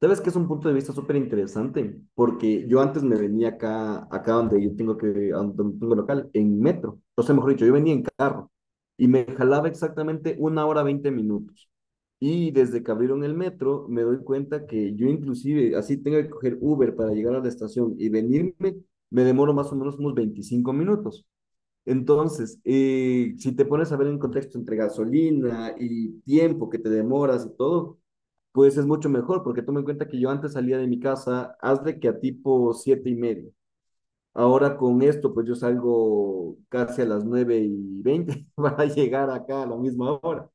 Sabes que es un punto de vista súper interesante, porque yo antes me venía acá donde a donde tengo local, en metro. O sea, mejor dicho, yo venía en carro y me jalaba exactamente 1 hora 20 minutos. Y desde que abrieron el metro, me doy cuenta que yo inclusive, así tengo que coger Uber para llegar a la estación y venirme, me demoro más o menos unos 25 minutos. Entonces, si te pones a ver en contexto entre gasolina y tiempo que te demoras y todo, pues es mucho mejor, porque toma en cuenta que yo antes salía de mi casa, haz de que a tipo 7:30. Ahora con esto, pues yo salgo casi a las 9:20 para llegar acá a la misma hora.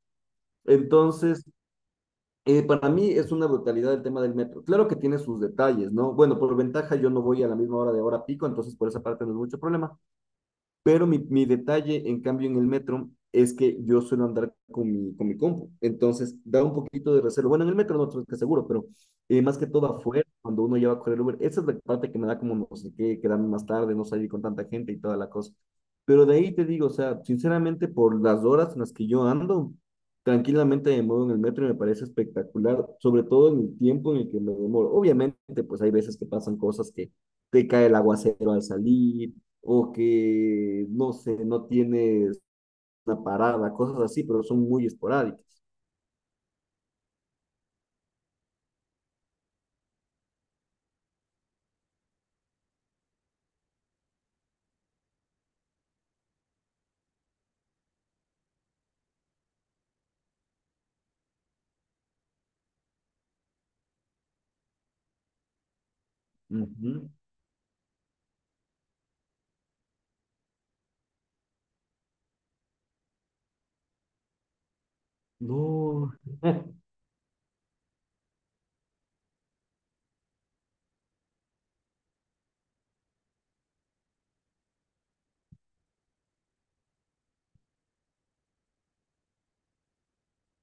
Entonces, para mí es una brutalidad el tema del metro. Claro que tiene sus detalles, ¿no? Bueno, por ventaja yo no voy a la misma hora de hora pico, entonces por esa parte no es mucho problema. Pero mi detalle, en cambio, en el metro es que yo suelo andar con mi compu. Entonces, da un poquito de reserva. Bueno, en el metro no estoy seguro, pero más que todo afuera, cuando uno lleva a correr Uber, esa es la parte que me da como no sé qué, quedarme más tarde, no salir con tanta gente y toda la cosa. Pero de ahí te digo, o sea, sinceramente, por las horas en las que yo ando, tranquilamente me muevo en el metro y me parece espectacular, sobre todo en el tiempo en el que me demoro. Obviamente, pues hay veces que pasan cosas que te cae el aguacero al salir o que, no sé, no tienes una parada, cosas así, pero son muy esporádicas. Ujú. No,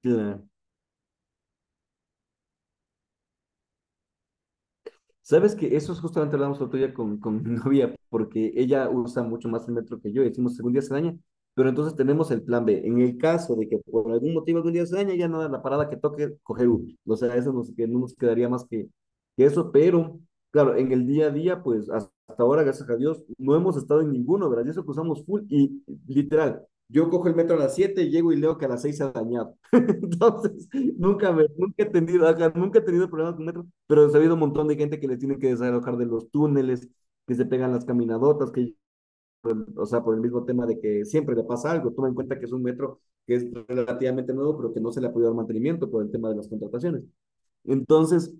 claro. Sabes que eso es justamente lo hablamos el otro día con, mi novia, porque ella usa mucho más el metro que yo y decimos, algún día se daña, pero entonces tenemos el plan B. En el caso de que por algún motivo algún día se daña, ya no da la parada que toque, coger Uber. O sea, eso nos, que no nos quedaría más que eso, pero claro, en el día a día, pues hasta ahora, gracias a Dios, no hemos estado en ninguno, ¿verdad? Y eso que usamos full y literal. Yo cojo el metro a las 7 llego y leo que a las 6 se ha dañado. Entonces, Nunca, me, nunca he tenido, ajá, nunca he tenido problemas con metro, pero he sabido un montón de gente que les tiene que desalojar de los túneles, que se pegan las caminadotas, que, o sea, por el mismo tema de que siempre le pasa algo. Toma en cuenta que es un metro que es relativamente nuevo, pero que no se le ha podido dar mantenimiento por el tema de las contrataciones. Entonces,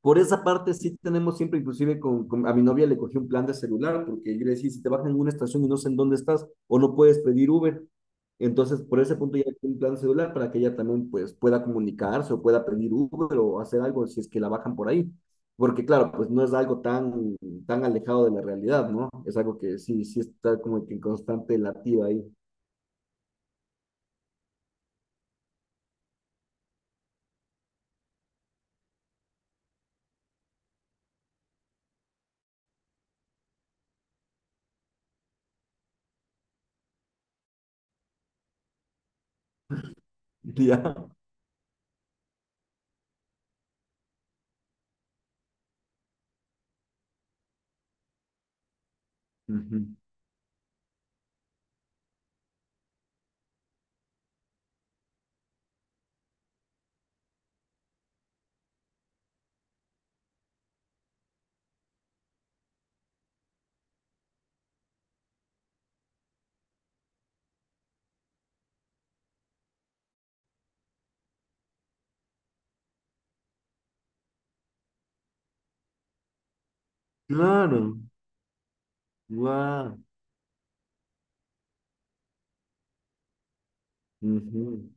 por esa parte sí tenemos siempre, inclusive a mi novia le cogí un plan de celular, porque yo le decía, si te bajan en una estación y no sé en dónde estás, o no puedes pedir Uber, entonces por ese punto ya le cogí un plan de celular para que ella también pues pueda comunicarse o pueda pedir Uber o hacer algo si es que la bajan por ahí. Porque claro, pues no es algo tan alejado de la realidad, ¿no? Es algo que sí, sí está como que en constante latido ahí. Ya. Ujú. Claro. Guau. Ujú.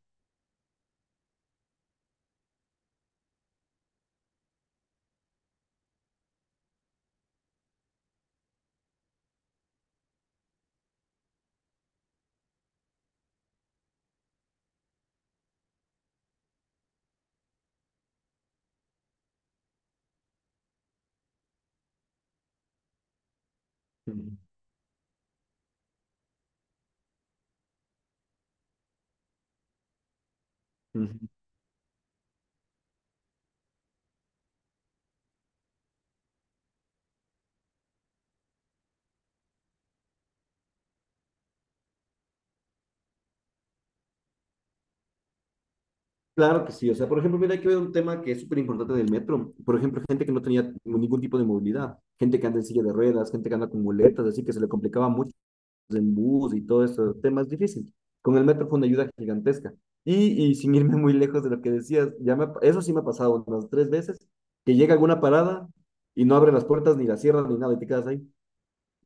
Ujú. Claro que sí, o sea, por ejemplo, mira, hay que ver un tema que es súper importante del metro. Por ejemplo, gente que no tenía ningún tipo de movilidad, gente que anda en silla de ruedas, gente que anda con muletas, así que se le complicaba mucho en bus y todo eso, temas difíciles. Con el metro fue una ayuda gigantesca. Y sin irme muy lejos de lo que decías, eso sí me ha pasado unas tres veces, que llega alguna parada y no abre las puertas ni la cierra ni nada y te quedas ahí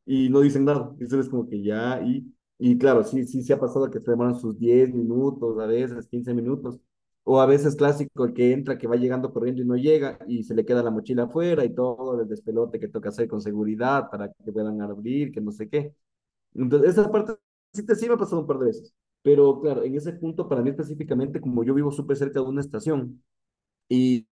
y no dicen nada. Y ustedes como que ya, y claro, sí, sí, se ha pasado que se demoran sus 10 minutos, a veces 15 minutos, o a veces clásico, el que entra, que va llegando corriendo y no llega, y se le queda la mochila afuera y todo el despelote que toca hacer con seguridad para que puedan abrir, que no sé qué. Entonces, esa parte sí, te, sí me ha pasado un par de veces. Pero claro, en ese punto, para mí específicamente, como yo vivo súper cerca de una estación, y,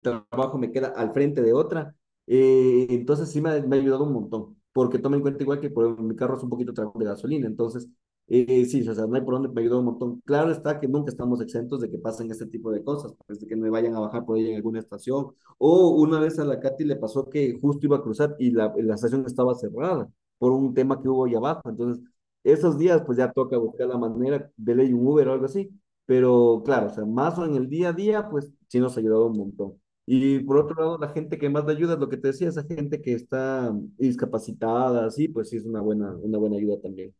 trabajo me queda al frente de otra. Entonces sí ayudado un montón, porque toma en cuenta igual que por, mi carro es un poquito trago de gasolina, entonces sí, o sea, no hay por dónde, me ayudó un montón. Claro está que nunca estamos exentos de que pasen este tipo de cosas, pues, de que me vayan a bajar por ahí en alguna estación, o una vez a la Katy le pasó que justo iba a cruzar y la estación estaba cerrada por un tema que hubo ahí abajo, entonces esos días pues ya toca buscar la manera de ley un Uber o algo así, pero claro, o sea, más o en el día a día pues sí nos ha ayudado un montón. Y por otro lado, la gente que más le ayuda es lo que te decía, esa gente que está discapacitada, sí, pues sí es una buena ayuda también.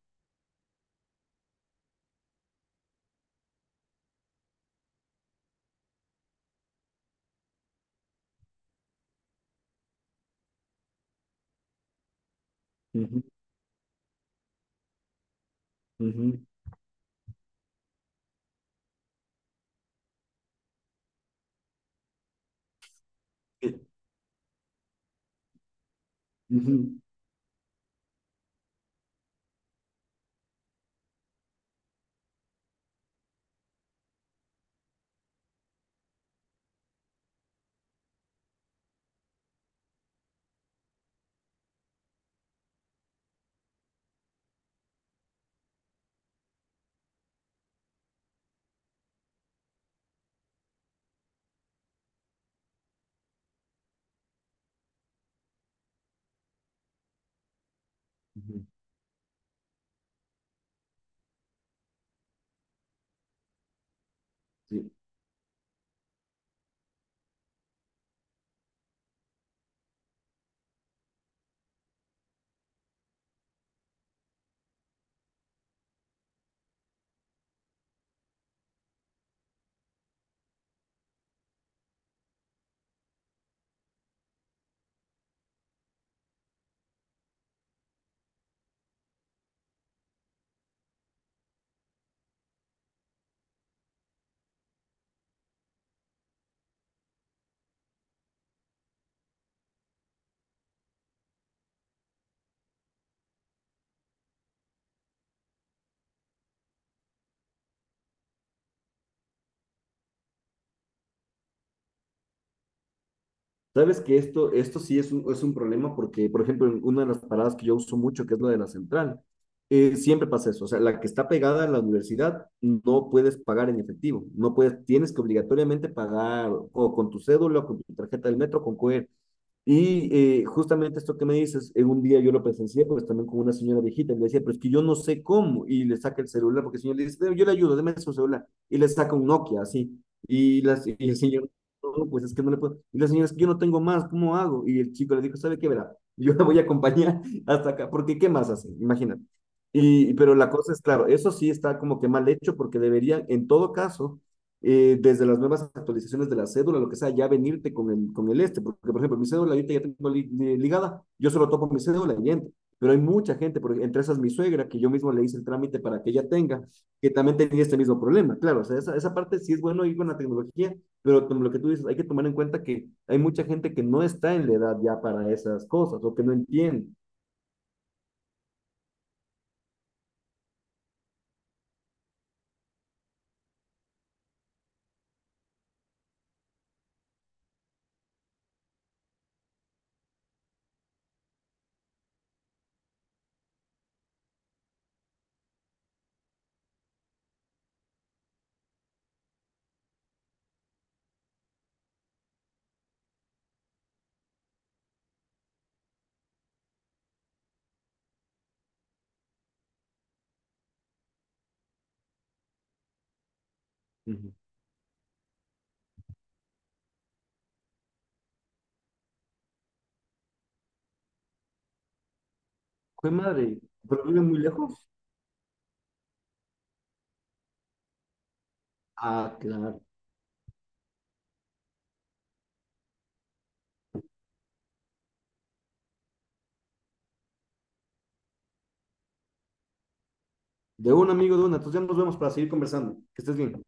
Ujú, ujú, eh, ujú, ujú, sí. Sabes que esto sí es un problema porque, por ejemplo, en una de las paradas que yo uso mucho, que es la de la central, siempre pasa eso. O sea, la que está pegada a la universidad no puedes pagar en efectivo, no puedes, tienes que obligatoriamente pagar o con tu cédula, o con tu tarjeta del metro, con QR. Y justamente esto que me dices, en un día yo lo presencié, pues también con una señora viejita, y le decía, pero es que yo no sé cómo, y le saca el celular, porque el señor le dice, yo le ayudo, déme su celular, y le saca un Nokia, así, y, las, y el señor, "No, pues es que no le puedo, y la señora, es que yo no tengo más, ¿cómo hago? Y el chico le dijo, ¿sabe qué, verá? Yo la voy a acompañar hasta acá, porque ¿qué más hace? Imagínate. Y, pero la cosa es, claro, eso sí está como que mal hecho, porque deberían, en todo caso, desde las nuevas actualizaciones de la cédula, lo que sea, ya venirte con el este, porque por ejemplo, mi cédula ahorita ya tengo ligada, yo solo topo mi cédula y entro, pero hay mucha gente, porque entre esas mi suegra, que yo mismo le hice el trámite para que ella tenga, que también tenía este mismo problema, claro, o sea, esa parte sí es bueno ir con la tecnología, pero como lo que tú dices, hay que tomar en cuenta que hay mucha gente que no está en la edad ya para esas cosas, o que no entiende. Ujú. Fue madre, pero vive muy lejos. Ah, claro. De un amigo de una, entonces ya nos vemos para seguir conversando. Que estés bien.